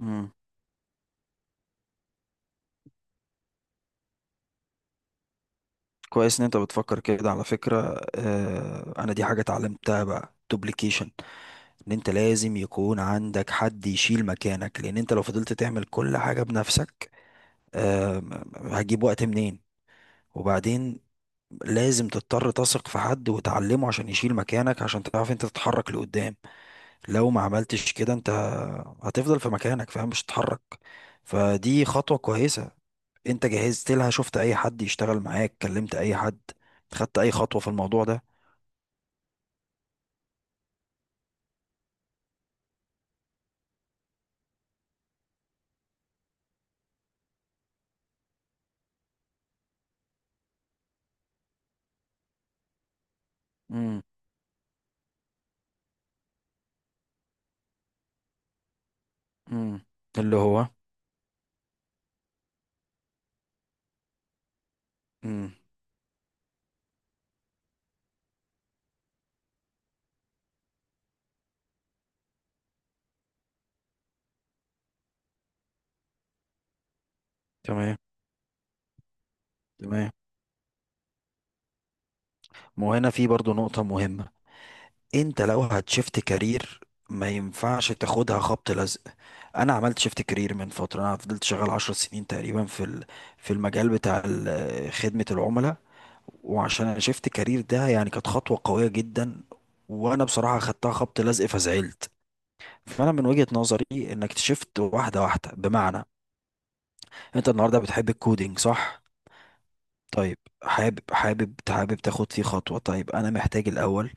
مم. كويس ان انت بتفكر كده على فكرة، انا دي حاجة اتعلمتها بقى دوبليكيشن، ان انت لازم يكون عندك حد يشيل مكانك، لان انت لو فضلت تعمل كل حاجة بنفسك آه هتجيب وقت منين؟ وبعدين لازم تضطر تثق في حد وتعلمه عشان يشيل مكانك، عشان تعرف انت تتحرك لقدام. لو ما عملتش كده انت هتفضل في مكانك، فاهم؟ مش هتتحرك. فدي خطوة كويسة. انت جهزت لها؟ شفت اي حد يشتغل معاك؟ كلمت اي حد؟ خدت اي خطوة في الموضوع ده؟ امم امم اللي هو امم تمام، تمام. ما هو هنا في برضو نقطة مهمة. انت لو هتشفت كارير ما ينفعش تاخدها خبط لزق. انا عملت شيفت كارير من فترة، انا فضلت شغال عشر سنين تقريبا في في المجال بتاع خدمة العملاء. وعشان انا شيفت كارير ده، يعني كانت خطوة قوية جدا، وانا بصراحة خدتها خبط لزق فزعلت. فانا من وجهة نظري انك تشفت واحده واحده، بمعنى انت النهارده بتحب الكودينج، صح؟ طيب، حابب حابب حابب تاخد فيه خطوه؟ طيب، انا محتاج الاول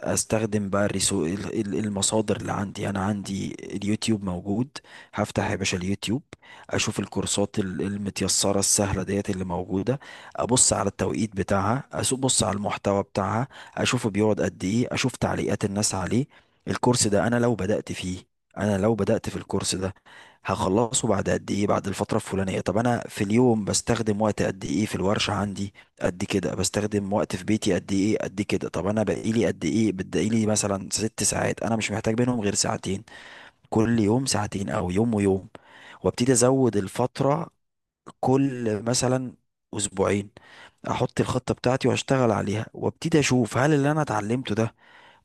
استخدم بقى الريسو المصادر اللي عندي. انا عندي اليوتيوب موجود، هفتح يا باشا اليوتيوب، اشوف الكورسات المتيسرة السهلة ديت اللي موجودة، ابص على التوقيت بتاعها، ابص على المحتوى بتاعها، اشوفه بيقعد قد ايه، اشوف تعليقات الناس عليه. الكورس ده انا لو بدأت في الكورس ده هخلصه بعد قد ايه، بعد الفترة الفلانية. طب انا في اليوم بستخدم وقت قد ايه في الورشة عندي؟ قد كده. بستخدم وقت في بيتي قد ايه؟ قد كده. طب انا بقيلي قد ايه؟ بتبقيلي مثلا ست ساعات، انا مش محتاج منهم غير ساعتين كل يوم، ساعتين او يوم ويوم، وابتدي ازود الفترة كل مثلا اسبوعين. احط الخطة بتاعتي واشتغل عليها وابتدي اشوف هل اللي انا اتعلمته ده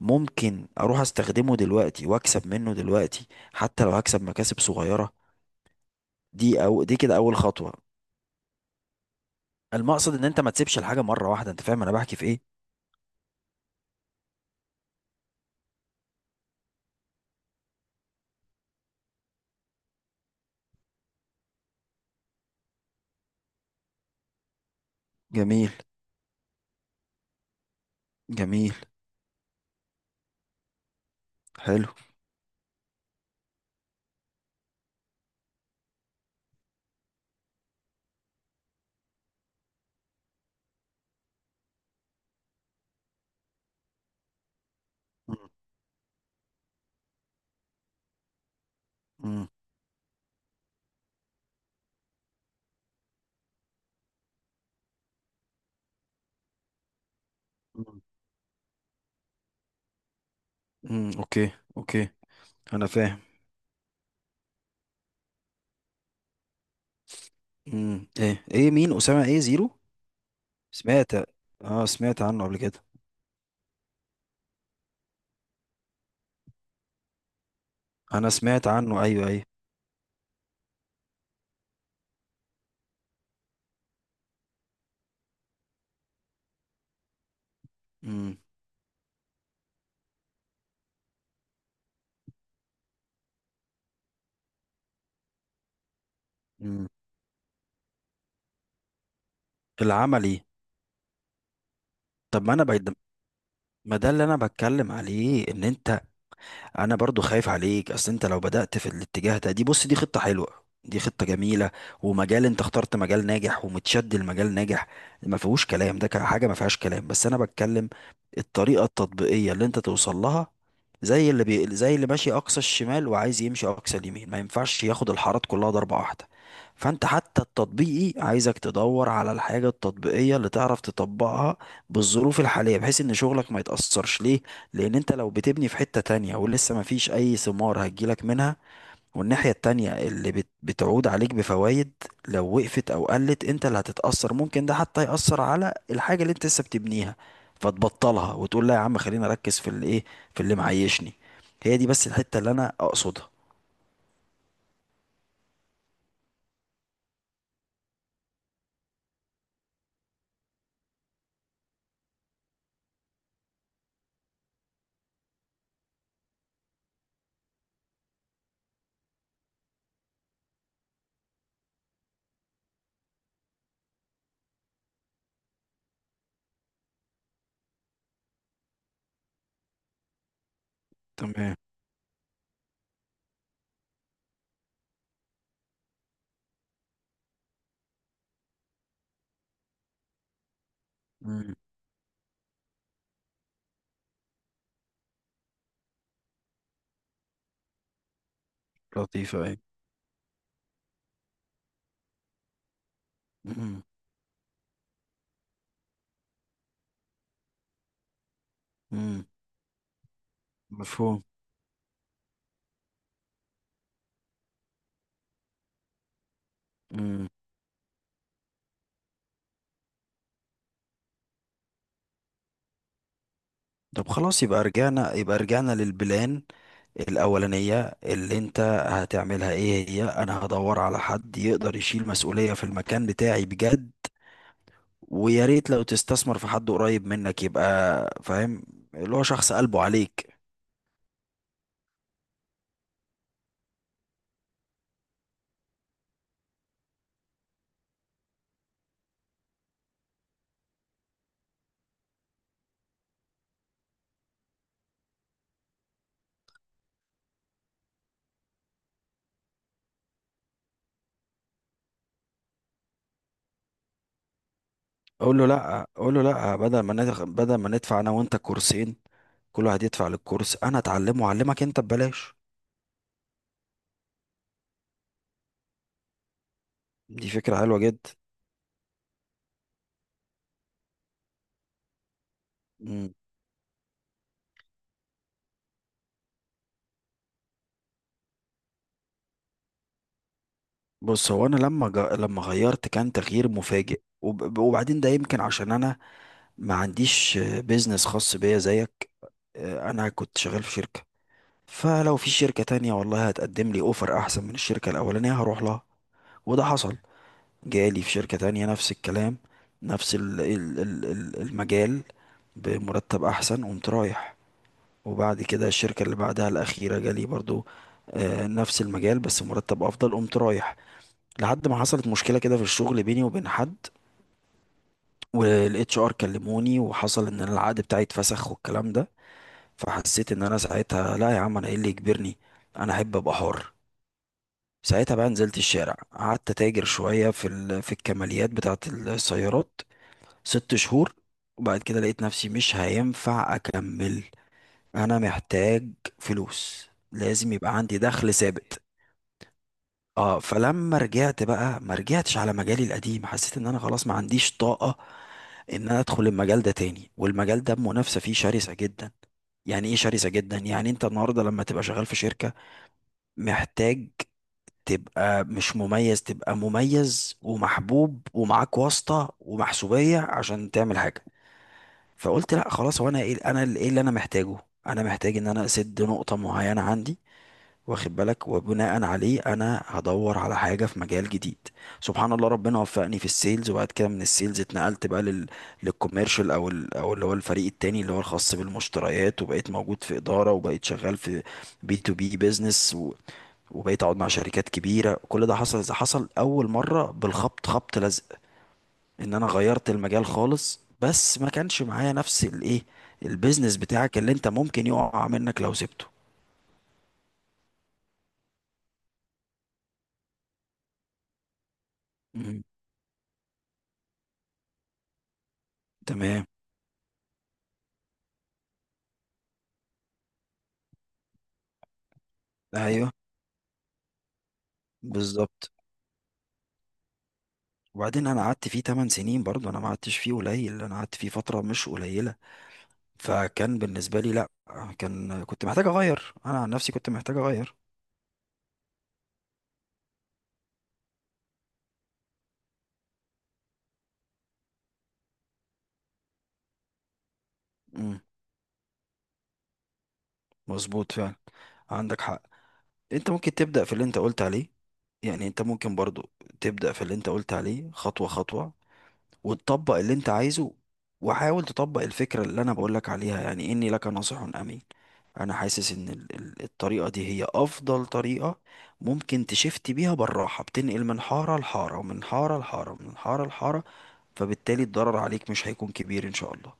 ممكن اروح استخدمه دلوقتي واكسب منه دلوقتي، حتى لو هكسب مكاسب صغيرة. دي او دي كده اول خطوة. المقصد ان انت ما تسيبش الحاجة مرة واحدة. انت فاهم انا بحكي في ايه؟ جميل، جميل. حلو. مم. مم. مم. مم. اوكي، اوكي. انا فاهم. مم. ايه ايه مين اسامه ايه زيرو؟ سمعت. اه، سمعت عنه قبل كده. انا سمعت عنه، ايوه ايوه. مم. مم. العملي. طب ما انا بقيت، ما ده اللي انا بتكلم عليه. ان انت، انا برضو خايف عليك. اصل انت لو بدأت في الاتجاه ده، دي بص دي خطة حلوة، دي خطة جميلة، ومجال، انت اخترت مجال ناجح ومتشد، المجال ناجح ما فيهوش كلام، ده حاجة ما فيهاش كلام. بس انا بتكلم الطريقة التطبيقية اللي انت توصل لها. زي اللي ماشي اقصى الشمال وعايز يمشي اقصى اليمين، ما ينفعش ياخد الحارات كلها ضربة واحدة. فانت حتى التطبيقي، عايزك تدور على الحاجة التطبيقية اللي تعرف تطبقها بالظروف الحالية، بحيث ان شغلك ما يتأثرش. ليه؟ لان انت لو بتبني في حتة تانية ولسه ما فيش اي ثمار هتجيلك منها، والناحية التانية اللي بتعود عليك بفوائد لو وقفت او قلت، انت اللي هتتأثر. ممكن ده حتى يأثر على الحاجة اللي انت لسه بتبنيها، فتبطلها وتقول لا يا عم خليني اركز في اللي ايه، في اللي معيشني. هي دي بس الحتة اللي انا اقصدها. تمام. مم. لطيفة، أيوة. مم. مم. مفهوم. مم. طب خلاص، يبقى رجعنا، يبقى رجعنا للبلان الأولانية. اللي انت هتعملها ايه هي: انا هدور على حد يقدر يشيل مسؤولية في المكان بتاعي بجد، ويا ريت لو تستثمر في حد قريب منك، يبقى فاهم، اللي هو شخص قلبه عليك. قول له لا، قول له لا، بدل ما بدل ما ندفع انا وانت كورسين، كل واحد يدفع للكورس، انا اتعلمه واعلمك انت ببلاش. دي فكرة حلوة جدا. بص، هو انا لما لما غيرت كان تغيير مفاجئ وبعدين ده يمكن عشان انا ما عنديش بيزنس خاص بيا زيك. آه، انا كنت شغال في شركة، فلو في شركة تانية والله هتقدم لي اوفر احسن من الشركة الاولانية هروح لها. وده حصل، جالي في شركة تانية نفس الكلام، نفس المجال بمرتب احسن، قمت رايح. وبعد كده الشركة اللي بعدها الاخيرة جالي برضو آه، نفس المجال بس مرتب افضل، قمت رايح. لحد ما حصلت مشكلة كده في الشغل بيني وبين حد، والاتش ار كلموني وحصل ان أنا العقد بتاعي اتفسخ والكلام ده. فحسيت ان انا ساعتها لا يا عم، انا ايه اللي يجبرني؟ انا احب ابقى حر. ساعتها بقى نزلت الشارع، قعدت تاجر شوية في في الكماليات بتاعة السيارات، ست شهور. وبعد كده لقيت نفسي مش هينفع اكمل، انا محتاج فلوس، لازم يبقى عندي دخل ثابت. اه، فلما رجعت بقى ما رجعتش على مجالي القديم. حسيت ان انا خلاص ما عنديش طاقة ان انا ادخل المجال ده تاني، والمجال ده المنافسة فيه شرسة جدا. يعني ايه شرسة جدا؟ يعني انت النهاردة لما تبقى شغال في شركة محتاج تبقى مش مميز، تبقى مميز ومحبوب ومعاك واسطة ومحسوبية عشان تعمل حاجة. فقلت لا خلاص، هو انا ايه، انا ايه اللي انا محتاجه؟ انا محتاج ان انا اسد نقطة معينة عندي، واخد بالك؟ وبناء عليه انا هدور على حاجه في مجال جديد. سبحان الله، ربنا وفقني في السيلز، وبعد كده من السيلز اتنقلت بقى للكوميرشال، او او اللي هو الفريق التاني اللي هو الخاص بالمشتريات، وبقيت موجود في اداره، وبقيت شغال في بي تو بي بيزنس وبقيت اقعد مع شركات كبيره. كل ده حصل اذا حصل اول مره بالخبط خبط لزق، ان انا غيرت المجال خالص، بس ما كانش معايا نفس الايه، البيزنس بتاعك اللي انت ممكن يقع منك لو سبته. مم. تمام، ايوه، بالظبط. وبعدين انا قعدت فيه 8 سنين برضه، انا ما قعدتش فيه قليل، انا قعدت فيه فتره مش قليله. فكان بالنسبه لي لا، كان كنت محتاج اغير، انا عن نفسي كنت محتاج اغير. امم، مظبوط فعلا، عندك حق. انت ممكن تبدا في اللي انت قلت عليه، يعني انت ممكن برضه تبدا في اللي انت قلت عليه خطوه خطوه، وتطبق اللي انت عايزه. وحاول تطبق الفكرة اللي انا بقولك عليها، يعني اني لك ناصح امين. انا حاسس ان الطريقة دي هي افضل طريقة ممكن تشفت بيها بالراحة، بتنقل من حارة لحارة، ومن حارة لحارة، ومن حارة لحارة، فبالتالي الضرر عليك مش هيكون كبير ان شاء الله.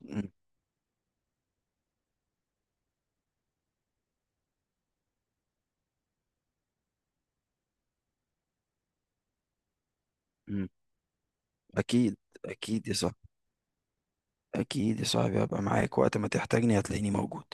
م- م. اكيد، اكيد يا صاحبي، اكيد يا صاحبي. هبقى معاك وقت ما تحتاجني هتلاقيني موجود.